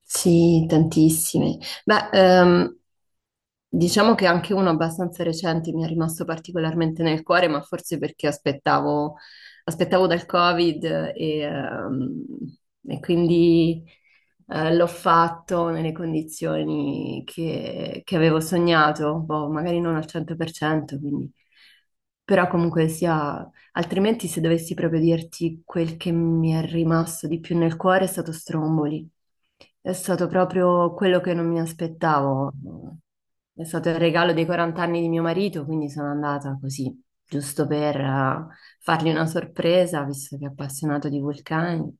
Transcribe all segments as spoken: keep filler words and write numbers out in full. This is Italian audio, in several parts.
Sì, tantissime. Beh, ehm, diciamo che anche uno abbastanza recente mi è rimasto particolarmente nel cuore, ma forse perché aspettavo, aspettavo dal Covid e, ehm, e quindi eh, l'ho fatto nelle condizioni che, che avevo sognato, boh, magari non al cento per cento, quindi... Però comunque sia, altrimenti se dovessi proprio dirti quel che mi è rimasto di più nel cuore è stato Stromboli. È stato proprio quello che non mi aspettavo. È stato il regalo dei quaranta anni di mio marito, quindi sono andata così, giusto per eh, fargli una sorpresa, visto che è appassionato di vulcani.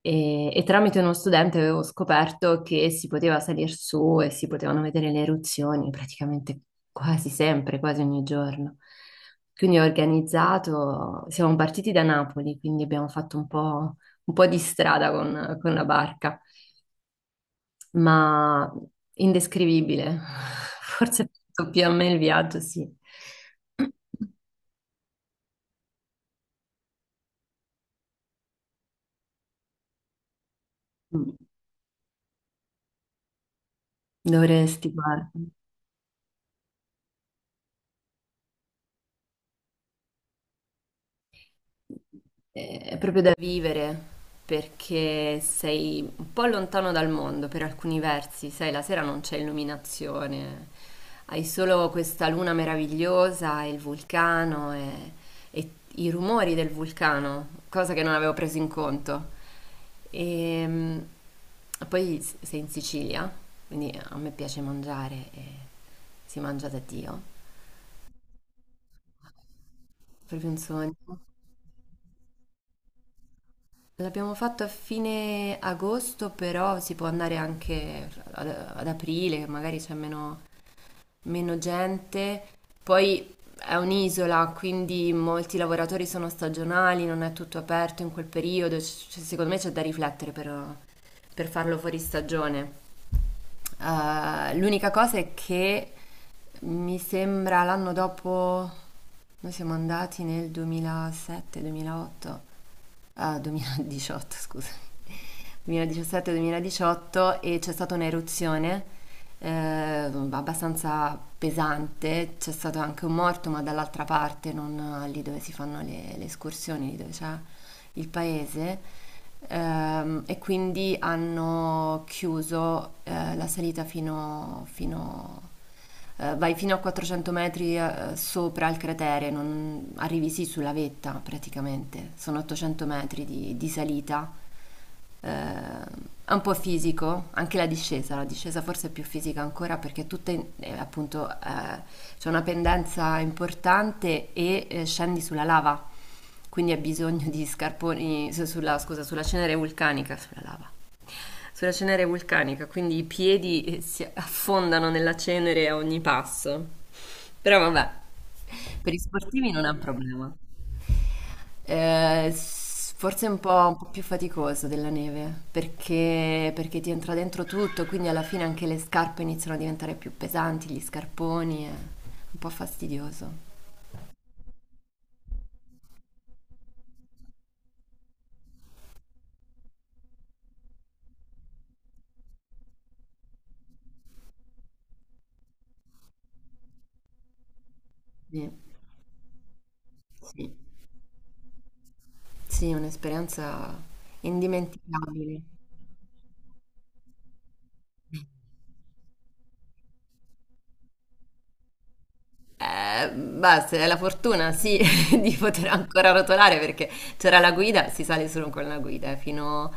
E, e tramite uno studente avevo scoperto che si poteva salire su e si potevano vedere le eruzioni praticamente quasi sempre, quasi ogni giorno. Quindi ho organizzato, siamo partiti da Napoli, quindi abbiamo fatto un po', un po' di strada con con la barca ma indescrivibile. Forse più a me il viaggio, sì. Mm. Dovresti guarda. Eh, è proprio da vivere perché sei un po' lontano dal mondo per alcuni versi, sai, la sera non c'è illuminazione, hai solo questa luna meravigliosa e il vulcano e, e i rumori del vulcano, cosa che non avevo preso in conto. E mm, poi s- sei in Sicilia, quindi a me piace mangiare e si mangia da Dio, è proprio un sogno. L'abbiamo fatto a fine agosto, però si può andare anche ad, ad aprile, che magari c'è meno, meno gente. Poi è un'isola, quindi molti lavoratori sono stagionali, non è tutto aperto in quel periodo. C- c- secondo me c'è da riflettere per, per farlo fuori stagione. Eh, l'unica cosa è che mi sembra l'anno dopo, noi siamo andati nel duemilasette-duemilaotto ah, duemiladiciotto, scusa, duemiladiciassette-duemiladiciotto e c'è stata un'eruzione eh, abbastanza pesante, c'è stato anche un morto, ma dall'altra parte, non lì dove si fanno le, le escursioni, lì dove c'è il paese. Ehm, e quindi hanno chiuso eh, la salita fino, fino eh, vai fino a quattrocento metri eh, sopra il cratere, non- arrivi sì sulla vetta praticamente, sono ottocento metri di, di salita, eh, è un po' fisico, anche la discesa, la discesa forse è più fisica ancora perché tutta in- eh, appunto eh, c'è una pendenza importante e eh, scendi sulla lava, quindi hai bisogno di scarponi, su- sulla, scusa, sulla cenere vulcanica, sulla lava sulla cenere vulcanica, quindi i piedi eh, si affondano nella cenere a ogni passo. Però vabbè, per gli sportivi non è un problema. Eh, s- forse è un po', un po' più faticoso della neve, perché, perché ti entra dentro tutto, quindi alla fine anche le scarpe iniziano a diventare più pesanti, gli scarponi, è un po' fastidioso. Sì, sì, sì, un'esperienza indimenticabile. Eh, beh, se hai la fortuna, sì, di poter ancora rotolare perché c'era la guida, si sale solo con la guida, eh, fino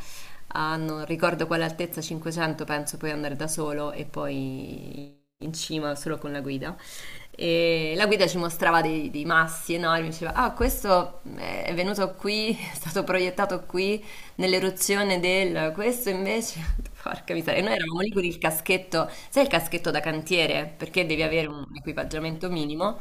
a non ricordo quale altezza, cinquecento, penso puoi andare da solo e poi in cima solo con la guida. E la guida ci mostrava dei, dei massi enormi, diceva, ah, questo eh, è venuto qui, è stato proiettato qui nell'eruzione del... Questo invece, porca miseria, e noi eravamo lì con il caschetto, sai il caschetto da cantiere, perché devi avere un equipaggiamento minimo.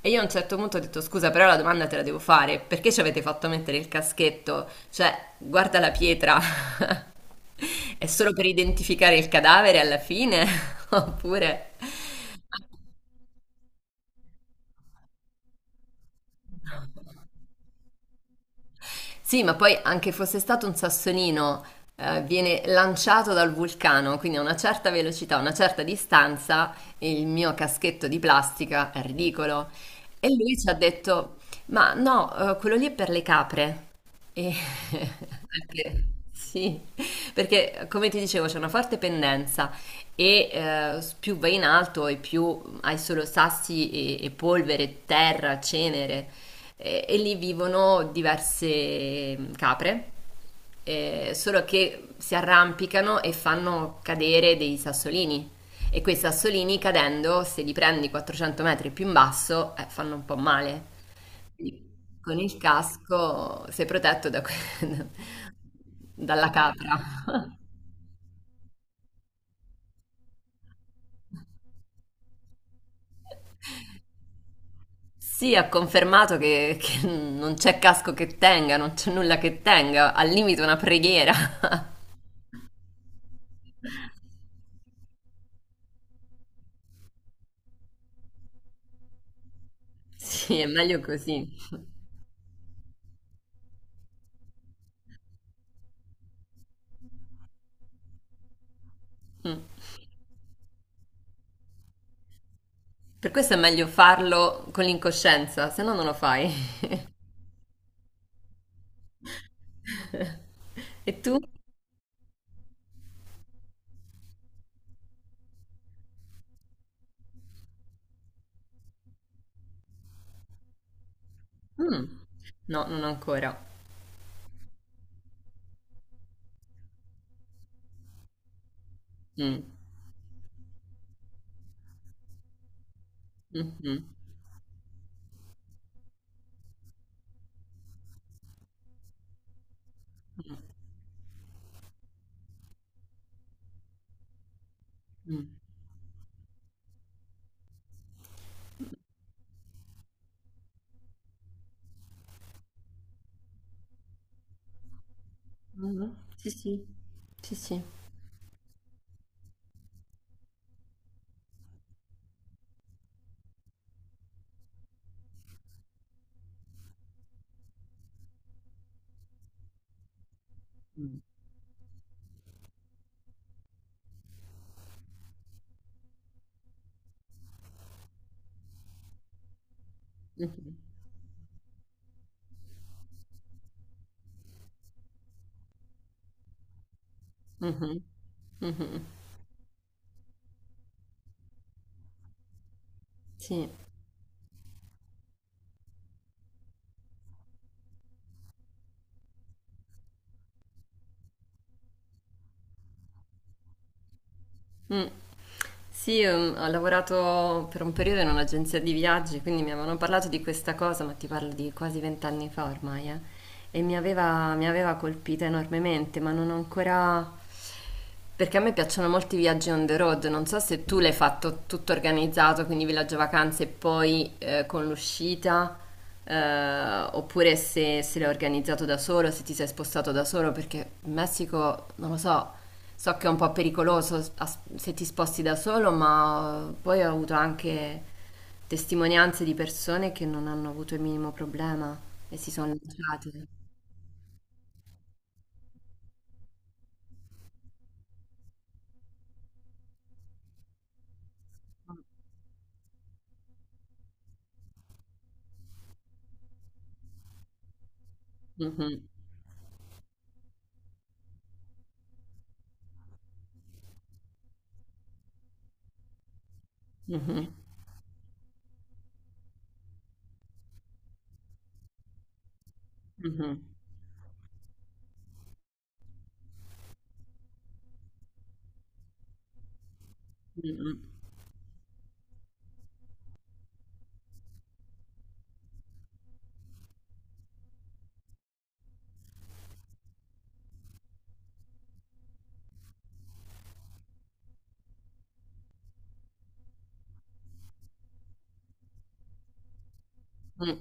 E io a un certo punto ho detto, scusa, però la domanda te la devo fare, perché ci avete fatto mettere il caschetto? Cioè, guarda la pietra, è solo per identificare il cadavere alla fine? Oppure... Sì, ma poi anche fosse stato un sassolino, eh, viene lanciato dal vulcano, quindi a una certa velocità, a una certa distanza, il mio caschetto di plastica è ridicolo. E lui ci ha detto, ma no, eh, quello lì è per le capre. E anche- sì, perché come ti dicevo c'è una forte pendenza e eh, più vai in alto e più hai solo sassi e, e polvere, terra, cenere e, e lì vivono diverse mm, capre, eh, solo che si arrampicano e fanno cadere dei sassolini. E quei sassolini cadendo, se li prendi quattrocento metri più in basso, eh, fanno un po' male. Quindi con il casco sei protetto da que- dalla capra. Sì, ha confermato che, che non c'è casco che tenga, non c'è nulla che tenga, al limite una preghiera. Sì, è meglio così. Mm. Per questo è meglio farlo con l'incoscienza, se no non lo fai. E tu? Mm. No, non ancora. Mm. Mhm. Mm. Mm. Mhm. Sì, sì, sì, sì. Mm. Mhm. Mhm. Mhm. Sì. Mm. Sì, ehm, ho lavorato per un periodo in un'agenzia di viaggi, quindi mi avevano parlato di questa cosa, ma ti parlo di quasi vent'anni fa ormai, eh, e mi aveva, mi aveva colpita enormemente, ma non ho ancora... Perché a me piacciono molti viaggi on the road, non so se tu l'hai fatto tutto organizzato, quindi villaggio vacanze e poi eh, con l'uscita, eh, oppure se, se l'hai organizzato da solo, se ti sei spostato da solo, perché in Messico, non lo so... So che è un po' pericoloso s- a- se ti sposti da solo, ma uh, poi ho avuto anche testimonianze di persone che non hanno avuto il minimo problema e si sono lanciate. Mhm, mhm, mhm, mhm, mhm,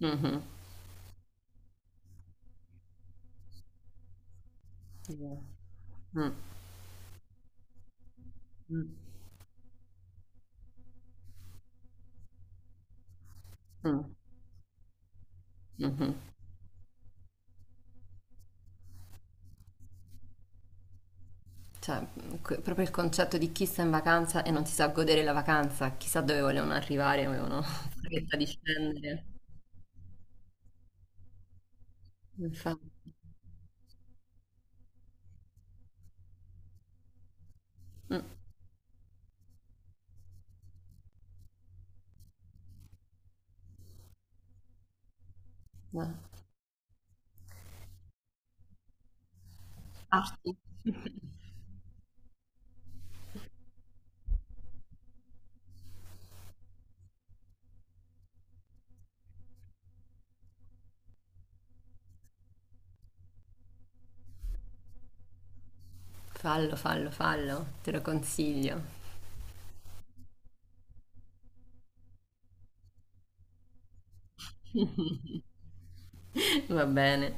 mhm, mhm. Mm, mm, mm, mhm. Cioè, que- proprio il concetto di chi sta in vacanza e non si sa godere la vacanza, chissà dove volevano arrivare, avevano fretta di scendere. Infatti. Mm, eh. Parti. Fallo, fallo, fallo, te lo consiglio. Va bene.